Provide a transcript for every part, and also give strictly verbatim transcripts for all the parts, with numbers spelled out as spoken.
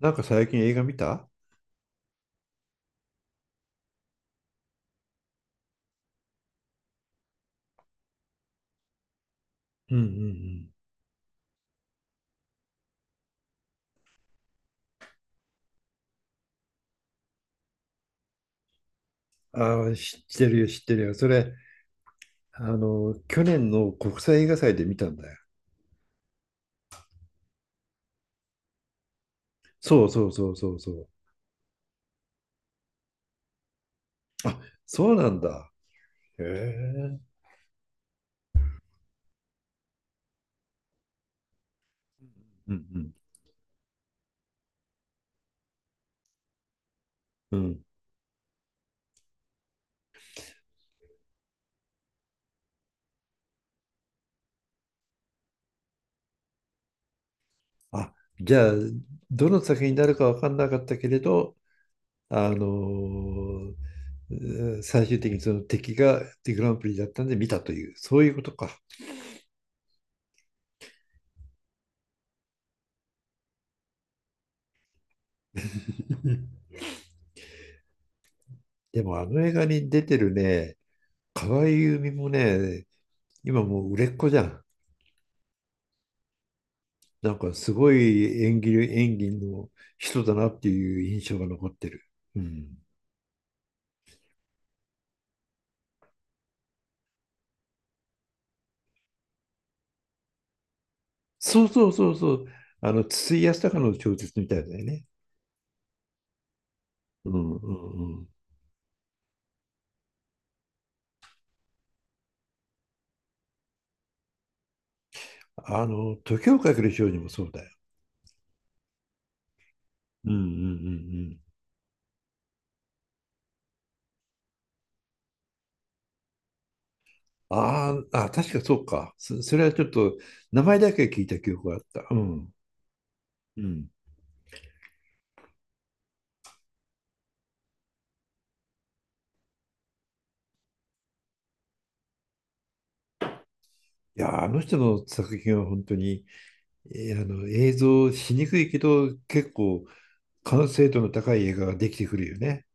なんか最近映画見た？うんうんうん。ああ、知ってるよ、知ってるよ。それ、あの、去年の国際映画祭で見たんだよ。そうそうそうそうそう。そうなんだ。へえ。うんうんうん。あ、じゃあ、どの作品になるか分かんなかったけれど、あのーえー最終的にその敵がデグランプリだったんで見たという、そういうことか。でもあの映画に出てるね、河合由美もね、今もう売れっ子じゃん。なんかすごい演技、演技の人だなっていう印象が残ってる。うん。そうそうそうそう。あの、筒井康隆の小説みたいだよね。うんうんうん。あの、時をかける少女もそうだよ。うんうんうんうん。あーあ、確かそうか。そ、それはちょっと名前だけ聞いた記憶があった。うん。うん。いやー、あの人の作品は本当に、えーあの映像しにくいけど、結構完成度の高い映画ができてくるよね。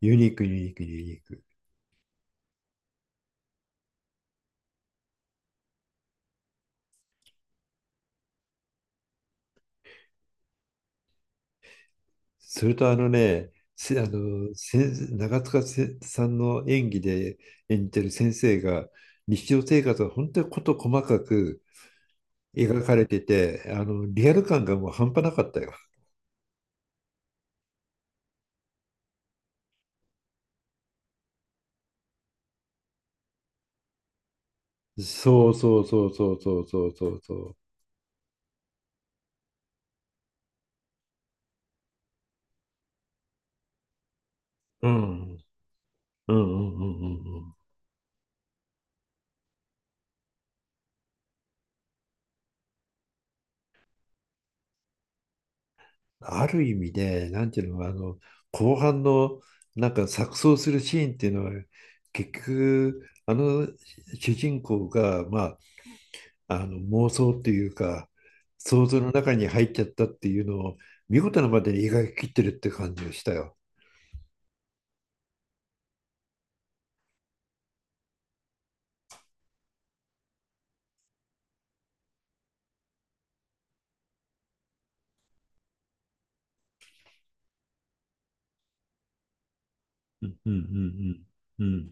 ユニーク、ユニーク、ユニーク。それとあのね、せあの先長塚せさんの演技で演じてる先生が日常生活が本当に事細かく描かれてて、あのリアル感がもう半端なかったよ。そうそうそうそうそうそうそうそう。うん。うんうんうんうんうん。ある意味で、なんていうの、あの後半のなんか錯綜するシーンっていうのは結局あの主人公がまああの妄想っていうか想像の中に入っちゃったっていうのを見事なまでに描き切ってるって感じがしたよ。うんうんうんうんうん。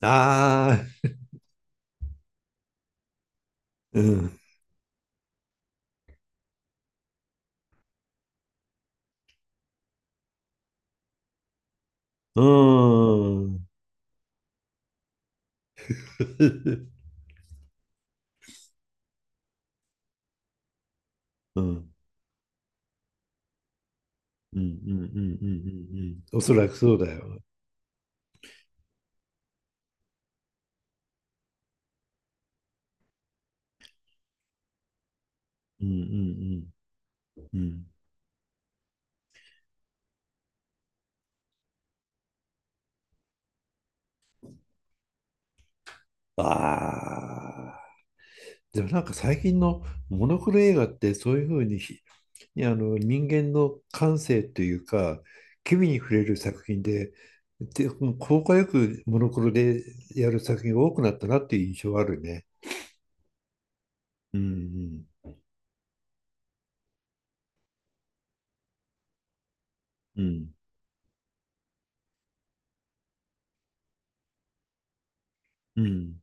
ああ、うん、うーん うんうんうんうんうんうんうん。おそらくそうだよ。うんうんうんうん。ああ、でもなんか最近のモノクロ映画ってそういうふうにひあの人間の感性というか、機微に触れる作品で、で、効果よくモノクロでやる作品が多くなったなっていう印象はあるね。うんうんうんうん。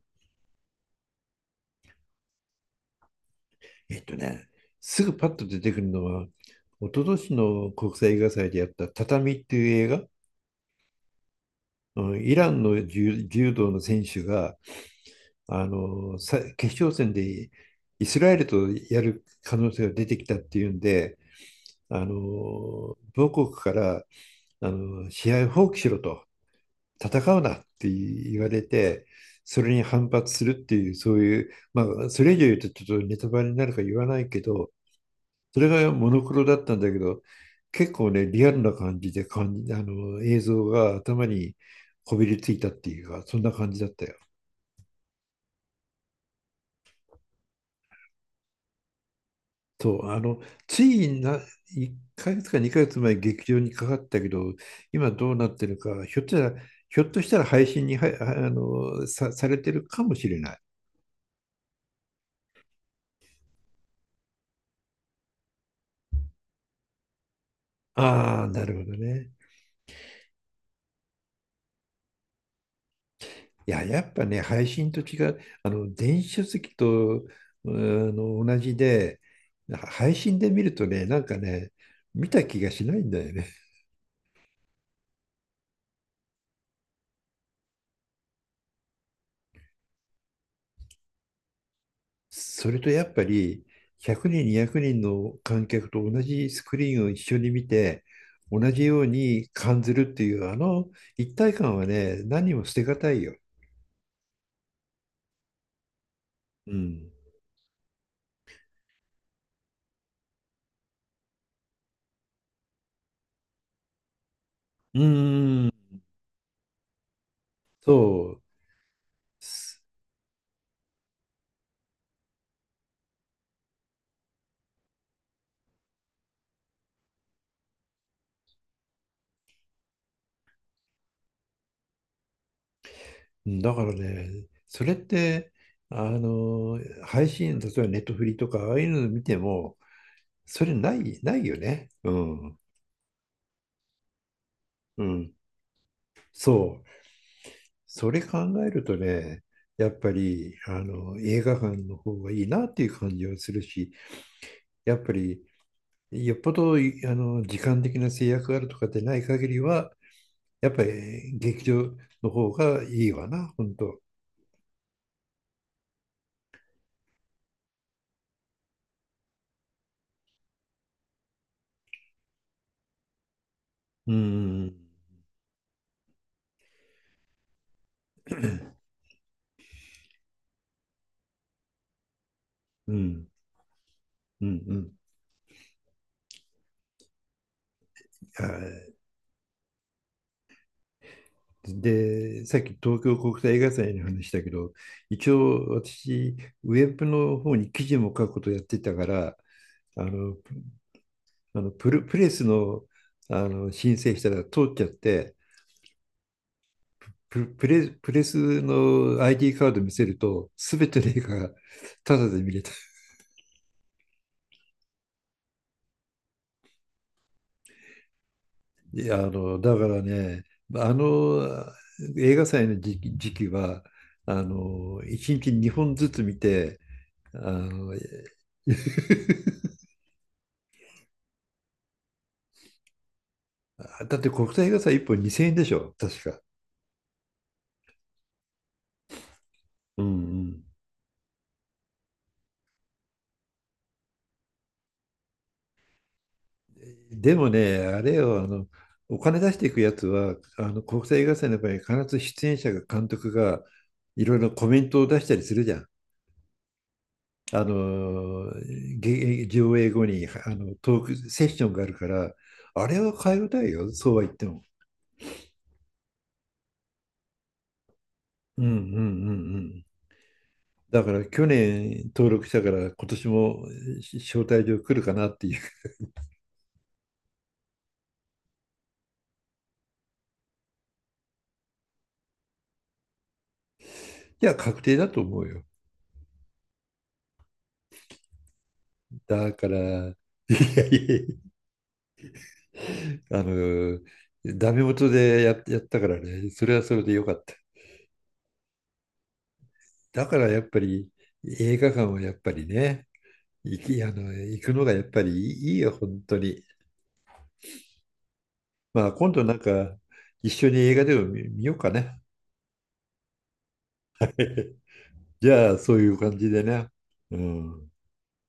えっとね、すぐパッと出てくるのは、一昨年の国際映画祭でやった「畳」っていう映画、うん、イランの柔、柔道の選手があのさ決勝戦でイスラエルとやる可能性が出てきたっていうんで、あの母国からあの試合を放棄しろと戦うなって言われてそれに反発するっていう、そういう、まあそれ以上言うとちょっとネタバレになるから言わないけど、それがモノクロだったんだけど、結構ねリアルな感じで感じあの映像が頭にこびりついたっていうか、そんな感じだったよ。そう、あの、ついな、いっかげつかにかげつまえ劇場にかかったけど、今どうなってるか、ひょっとしたら、ひょっとしたら配信には、あの、さ、されてるかもしれない。ああ、なるほどね。いや、やっぱね、配信と違う、あの、電子書籍と、あの、同じで、配信で見るとね、なんかね、見た気がしないんだよね。それとやっぱりひゃくにん、にひゃくにんの観客と同じスクリーンを一緒に見て、同じように感じるっていう、あの一体感はね、何も捨てがたいよ。うん。うーん。そう。すだからね、それって、あの、配信、例えばネットフリとか、ああいうの見ても、それない、ないよね。うん。うん。そう。それ考えるとね、やっぱりあの映画館の方がいいなっていう感じはするし、やっぱりよっぽどいあの時間的な制約があるとかでない限りは、やっぱり劇場の方がいいわな、本当。うん、うん、うん、うん。あーで、さっき東京国際映画祭の話だけど、一応私、ウェブの方に記事も書くことやってたから、あのあのプレ、プレスの、あの申請したら通っちゃって、プ、プレ、プレスの アイディー カード見せると、すべての映画がタダで見れた。いや、あの、だからね、あの映画祭の時期、時期は、あの、いちにちにほんずつ見て、あの、だって国際映画祭いっぽんにせんえんでしょ、確か。うんうん。でもね、あれよ、あの、お金出していくやつは、あの国際映画祭の場合、必ず出演者が監督がいろいろコメントを出したりするじゃん。あの、げ上映後にあのトークセッションがあるから、あれは変えたいよ、そうは言っても。うんうんうんうん。だから去年登録したから今年も招待状来るかなっていう。いや、確定だと思うよ。だから、いやいやいや、あの、ダメ元でや、やったからね、それはそれでよかった。だからやっぱり映画館はやっぱりね、行き、あの、行くのがやっぱりいいいよ、本当に。まあ今度なんか一緒に映画でも見、見ようかね。じゃあそういう感じでね。うん。